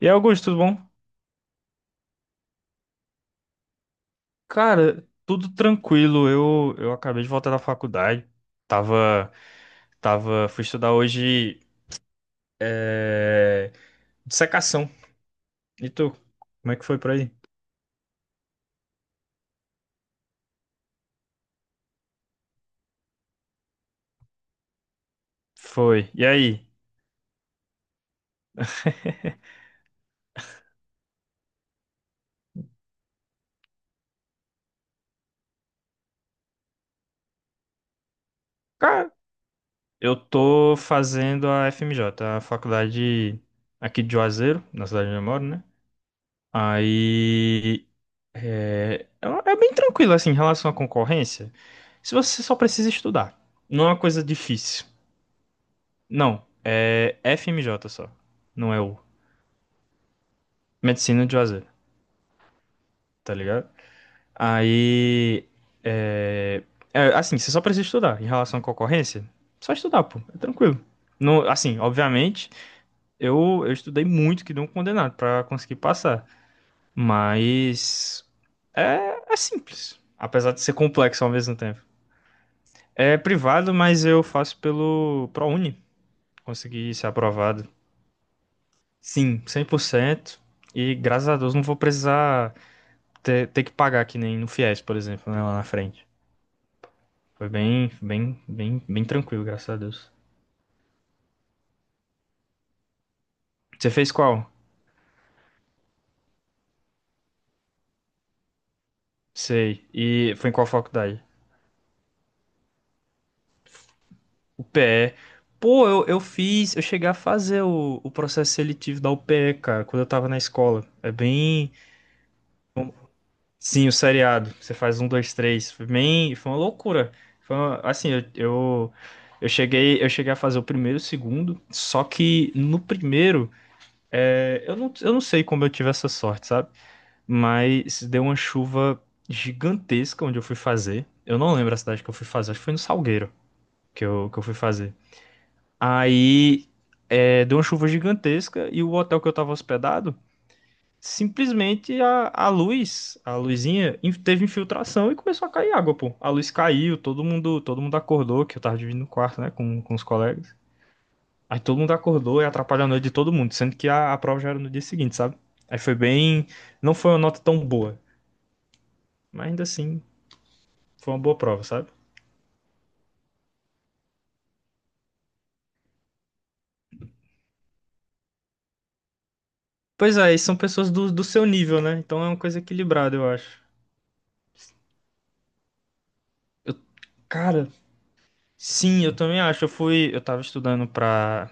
E aí, Augusto, tudo bom? Cara, tudo tranquilo. Eu acabei de voltar da faculdade. Tava, fui estudar hoje é, dissecação. E tu? Como é que foi por aí? Foi. E aí? Cara, eu tô fazendo a FMJ, a faculdade aqui de Juazeiro, na cidade onde eu moro, né? Aí é bem tranquilo assim em relação à concorrência. Se você só precisa estudar, não é uma coisa difícil. Não, é FMJ só. Não é o. Medicina de Juazeiro, tá ligado? Aí. É, assim, você só precisa estudar. Em relação à concorrência, só estudar, pô. É tranquilo. No, assim, obviamente, eu estudei muito que não condenado pra conseguir passar. Mas. É simples. Apesar de ser complexo ao mesmo tempo. É privado, mas eu faço pelo ProUni. Consegui ser aprovado. Sim, 100%. E graças a Deus não vou precisar ter que pagar que nem no Fies, por exemplo, né, lá na frente. Foi bem tranquilo, graças a Deus. Você fez qual? Sei. E foi em qual faculdade? UPE. Pô, eu fiz, eu cheguei a fazer o processo seletivo da UPE, cara, quando eu tava na escola. É bem, sim, o seriado. Você faz um, dois, três. Foi bem, foi uma loucura. Assim, eu cheguei a fazer o primeiro e o segundo, só que no primeiro, eu não sei como eu tive essa sorte, sabe? Mas deu uma chuva gigantesca onde eu fui fazer. Eu não lembro a cidade que eu fui fazer, acho que foi no Salgueiro que eu fui fazer. Aí, deu uma chuva gigantesca e o hotel que eu tava hospedado. Simplesmente a luz, a luzinha, teve infiltração e começou a cair água, pô. A luz caiu, todo mundo acordou, que eu tava dividindo o quarto, né, com os colegas. Aí todo mundo acordou e atrapalhou a noite de todo mundo, sendo que a prova já era no dia seguinte, sabe? Aí foi bem. Não foi uma nota tão boa, mas ainda assim, foi uma boa prova, sabe? Pois é, e são pessoas do seu nível, né? Então é uma coisa equilibrada, eu acho. Eu- Cara, sim, eu também acho. Eu fui, eu tava estudando pra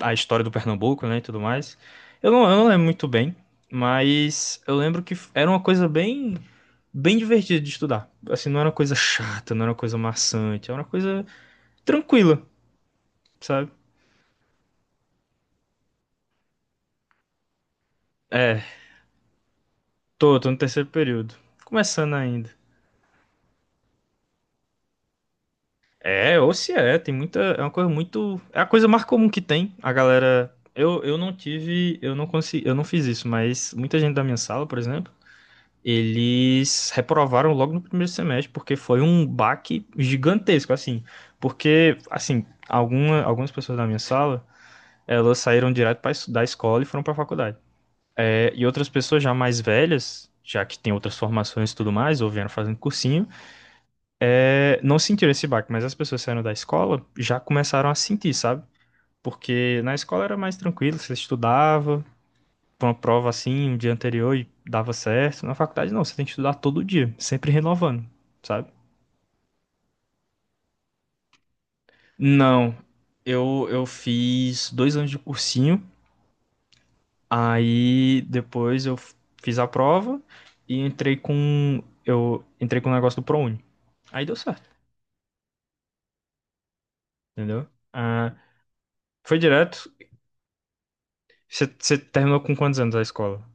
a história do Pernambuco, né, e tudo mais. Eu não lembro muito bem, mas eu lembro que era uma coisa bem divertida de estudar. Assim, não era uma coisa chata, não era uma coisa maçante, era uma coisa tranquila, sabe? É, tô no terceiro período. Começando ainda. É, ou se é, tem muita, é uma coisa muito, é a coisa mais comum que tem, a galera... eu não tive, eu não consegui, eu não fiz isso, mas muita gente da minha sala, por exemplo, eles reprovaram logo no primeiro semestre, porque foi um baque gigantesco, assim. Porque, assim, algumas pessoas da minha sala, elas saíram direto pra, da escola e foram para a faculdade. É, e outras pessoas já mais velhas, já que tem outras formações e tudo mais, ou vieram fazendo cursinho, não sentiram esse baque, mas as pessoas saindo da escola já começaram a sentir, sabe? Porque na escola era mais tranquilo, você estudava, pra uma prova assim, um dia anterior e dava certo. Na faculdade não, você tem que estudar todo dia, sempre renovando, sabe? Não, eu fiz dois anos de cursinho, aí depois fiz a prova e entrei com eu entrei com o negócio do ProUni. Aí deu certo, entendeu? Ah, foi direto. Você terminou com quantos anos a escola?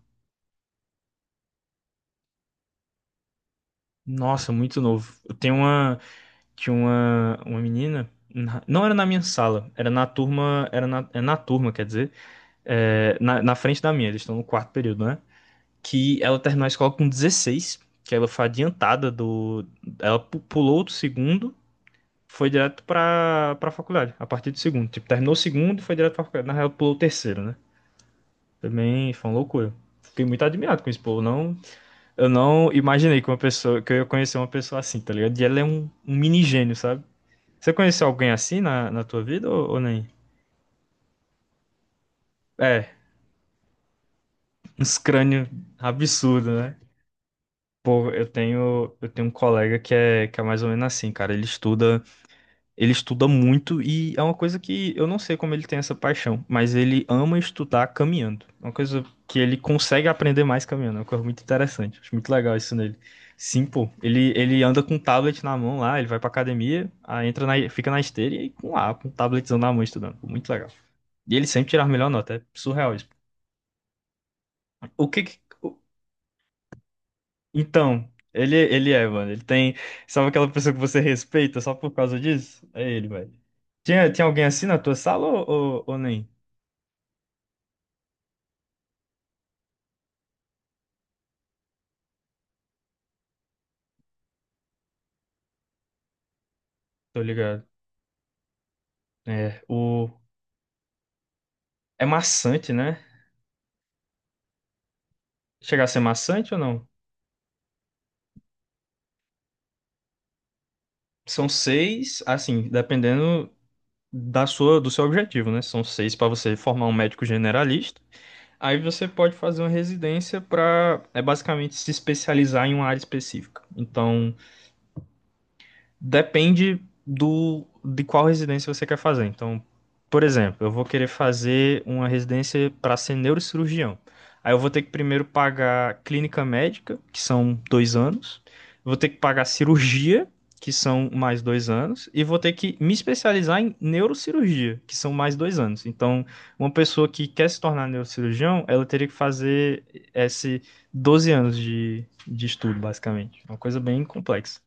Nossa, muito novo. Eu tenho uma tinha uma menina não era na minha sala, era na turma, era na, é na turma, quer dizer, na frente da minha, eles estão no quarto período, né? Que ela terminou a escola com 16, que ela foi adiantada do. Ela pulou do segundo, foi direto pra faculdade, a partir do segundo. Tipo, terminou o segundo e foi direto pra faculdade. Na real, pulou o terceiro, né? Também foi uma loucura. Fiquei muito admirado com esse pô. Não, eu não imaginei que que eu ia conhecer uma pessoa assim, tá ligado? E ela é um mini gênio, sabe? Você conheceu alguém assim na tua vida ou nem? É, uns crânio absurdo, né? Pô, eu tenho um colega que é mais ou menos assim, cara. Ele estuda muito e é uma coisa que eu não sei como ele tem essa paixão, mas ele ama estudar caminhando. É uma coisa que ele consegue aprender mais caminhando, é uma coisa muito interessante. Acho muito legal isso nele. Sim, pô. Ele anda com um tablet na mão lá, ele vai pra academia, aí entra na, fica na esteira e aí com lá, com um tabletzão na mão estudando. Pô, muito legal. E ele sempre tira a melhor nota, é surreal isso. O que, que- Então, ele é, mano. Ele tem. Sabe aquela pessoa que você respeita só por causa disso? É ele, velho. Tinha alguém assim na tua sala ou nem? Tô ligado. É, o... é maçante, né? Chegar a ser maçante ou não? São seis, assim, dependendo do seu objetivo, né? São seis pra você formar um médico generalista. Aí você pode fazer uma residência pra é basicamente se especializar em uma área específica. Então, depende do de qual residência você quer fazer. Então, por exemplo, eu vou querer fazer uma residência para ser neurocirurgião. Aí eu vou ter que primeiro pagar clínica médica, que são dois anos. Vou ter que pagar cirurgia, que são mais dois anos. E vou ter que me especializar em neurocirurgia, que são mais dois anos. Então, uma pessoa que quer se tornar neurocirurgião, ela teria que fazer esse 12 anos de estudo, basicamente. Uma coisa bem complexa.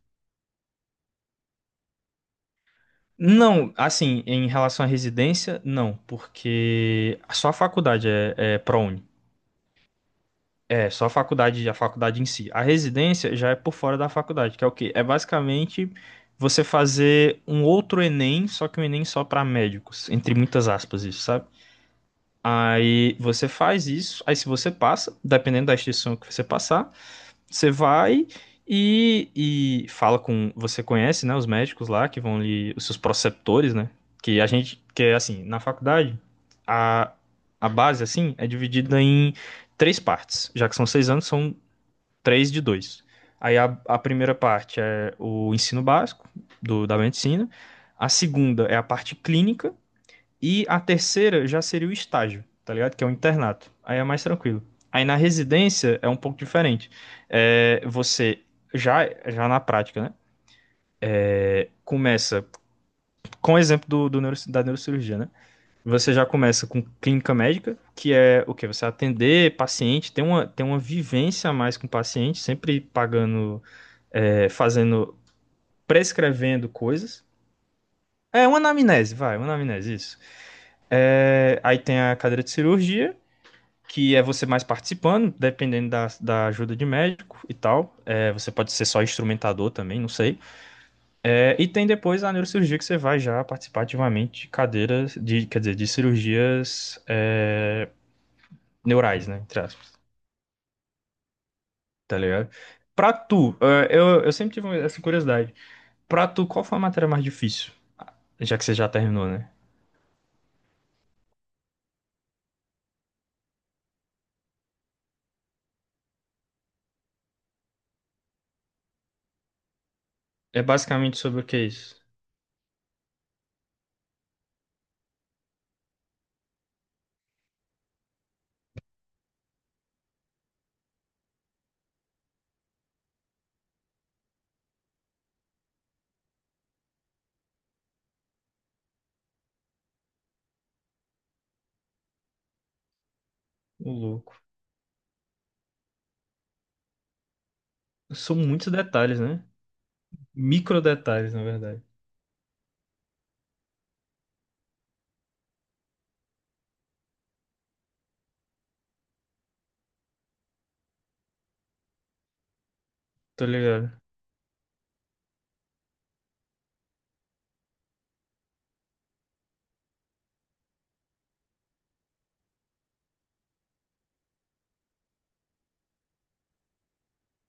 Não, assim, em relação à residência, não, porque só a faculdade é ProUni. É, só a faculdade em si. A residência já é por fora da faculdade, que é o quê? É basicamente você fazer um outro Enem, só que um Enem só para médicos, entre muitas aspas, isso, sabe? Aí você faz isso, aí se você passa, dependendo da instituição que você passar, você vai e fala com. Você conhece, né? Os médicos lá que vão lhe. Os seus preceptores, né? Que a gente. Que é assim, na faculdade, a, a base, assim, é dividida em três partes. Já que são seis anos, são três de dois. Aí a primeira parte é o ensino básico da medicina. A segunda é a parte clínica. E a terceira já seria o estágio, tá ligado? Que é o internato. Aí é mais tranquilo. Aí na residência é um pouco diferente. É, você já na prática, né? Começa com o exemplo do da neurocirurgia, né? Você já começa com clínica médica, que é o quê? Você atender paciente, tem tem uma vivência a mais com o paciente, sempre pagando, fazendo, prescrevendo coisas. É uma anamnese, vai, uma anamnese, isso. É, aí tem a cadeira de cirurgia, que é você mais participando, dependendo da ajuda de médico e tal. É, você pode ser só instrumentador também, não sei. É, e tem depois a neurocirurgia que você vai já participar ativamente de cadeiras, de, quer dizer, de cirurgias é, neurais, né? Entre aspas, tá ligado? Pra tu, eu sempre tive essa curiosidade. Pra tu, qual foi a matéria mais difícil? Já que você já terminou, né? É basicamente sobre o que é isso? O louco. São muitos detalhes, né? Micro detalhes, na verdade. Tô ligado.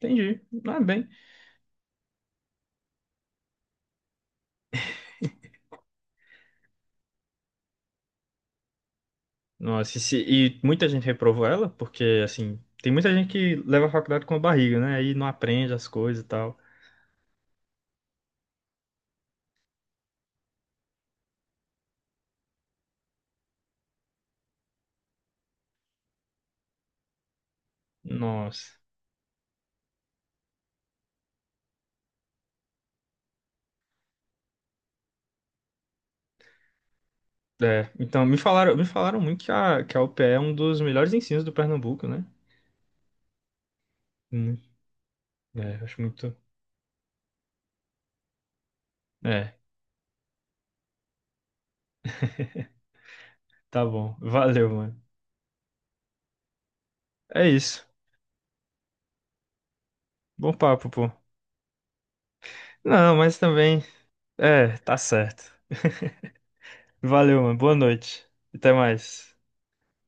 Entendi. Ah, bem. Nossa, e, se- e muita gente reprovou ela, porque, assim, tem muita gente que leva a faculdade com a barriga, né? Aí não aprende as coisas e tal. Nossa. É, então, me falaram muito que que a UPE é um dos melhores ensinos do Pernambuco, né? Hum, é, acho muito. É, tá bom. Valeu, mano. É isso. Bom papo, pô. Não, mas também. É, tá certo. Valeu, mano. Boa noite. Até mais.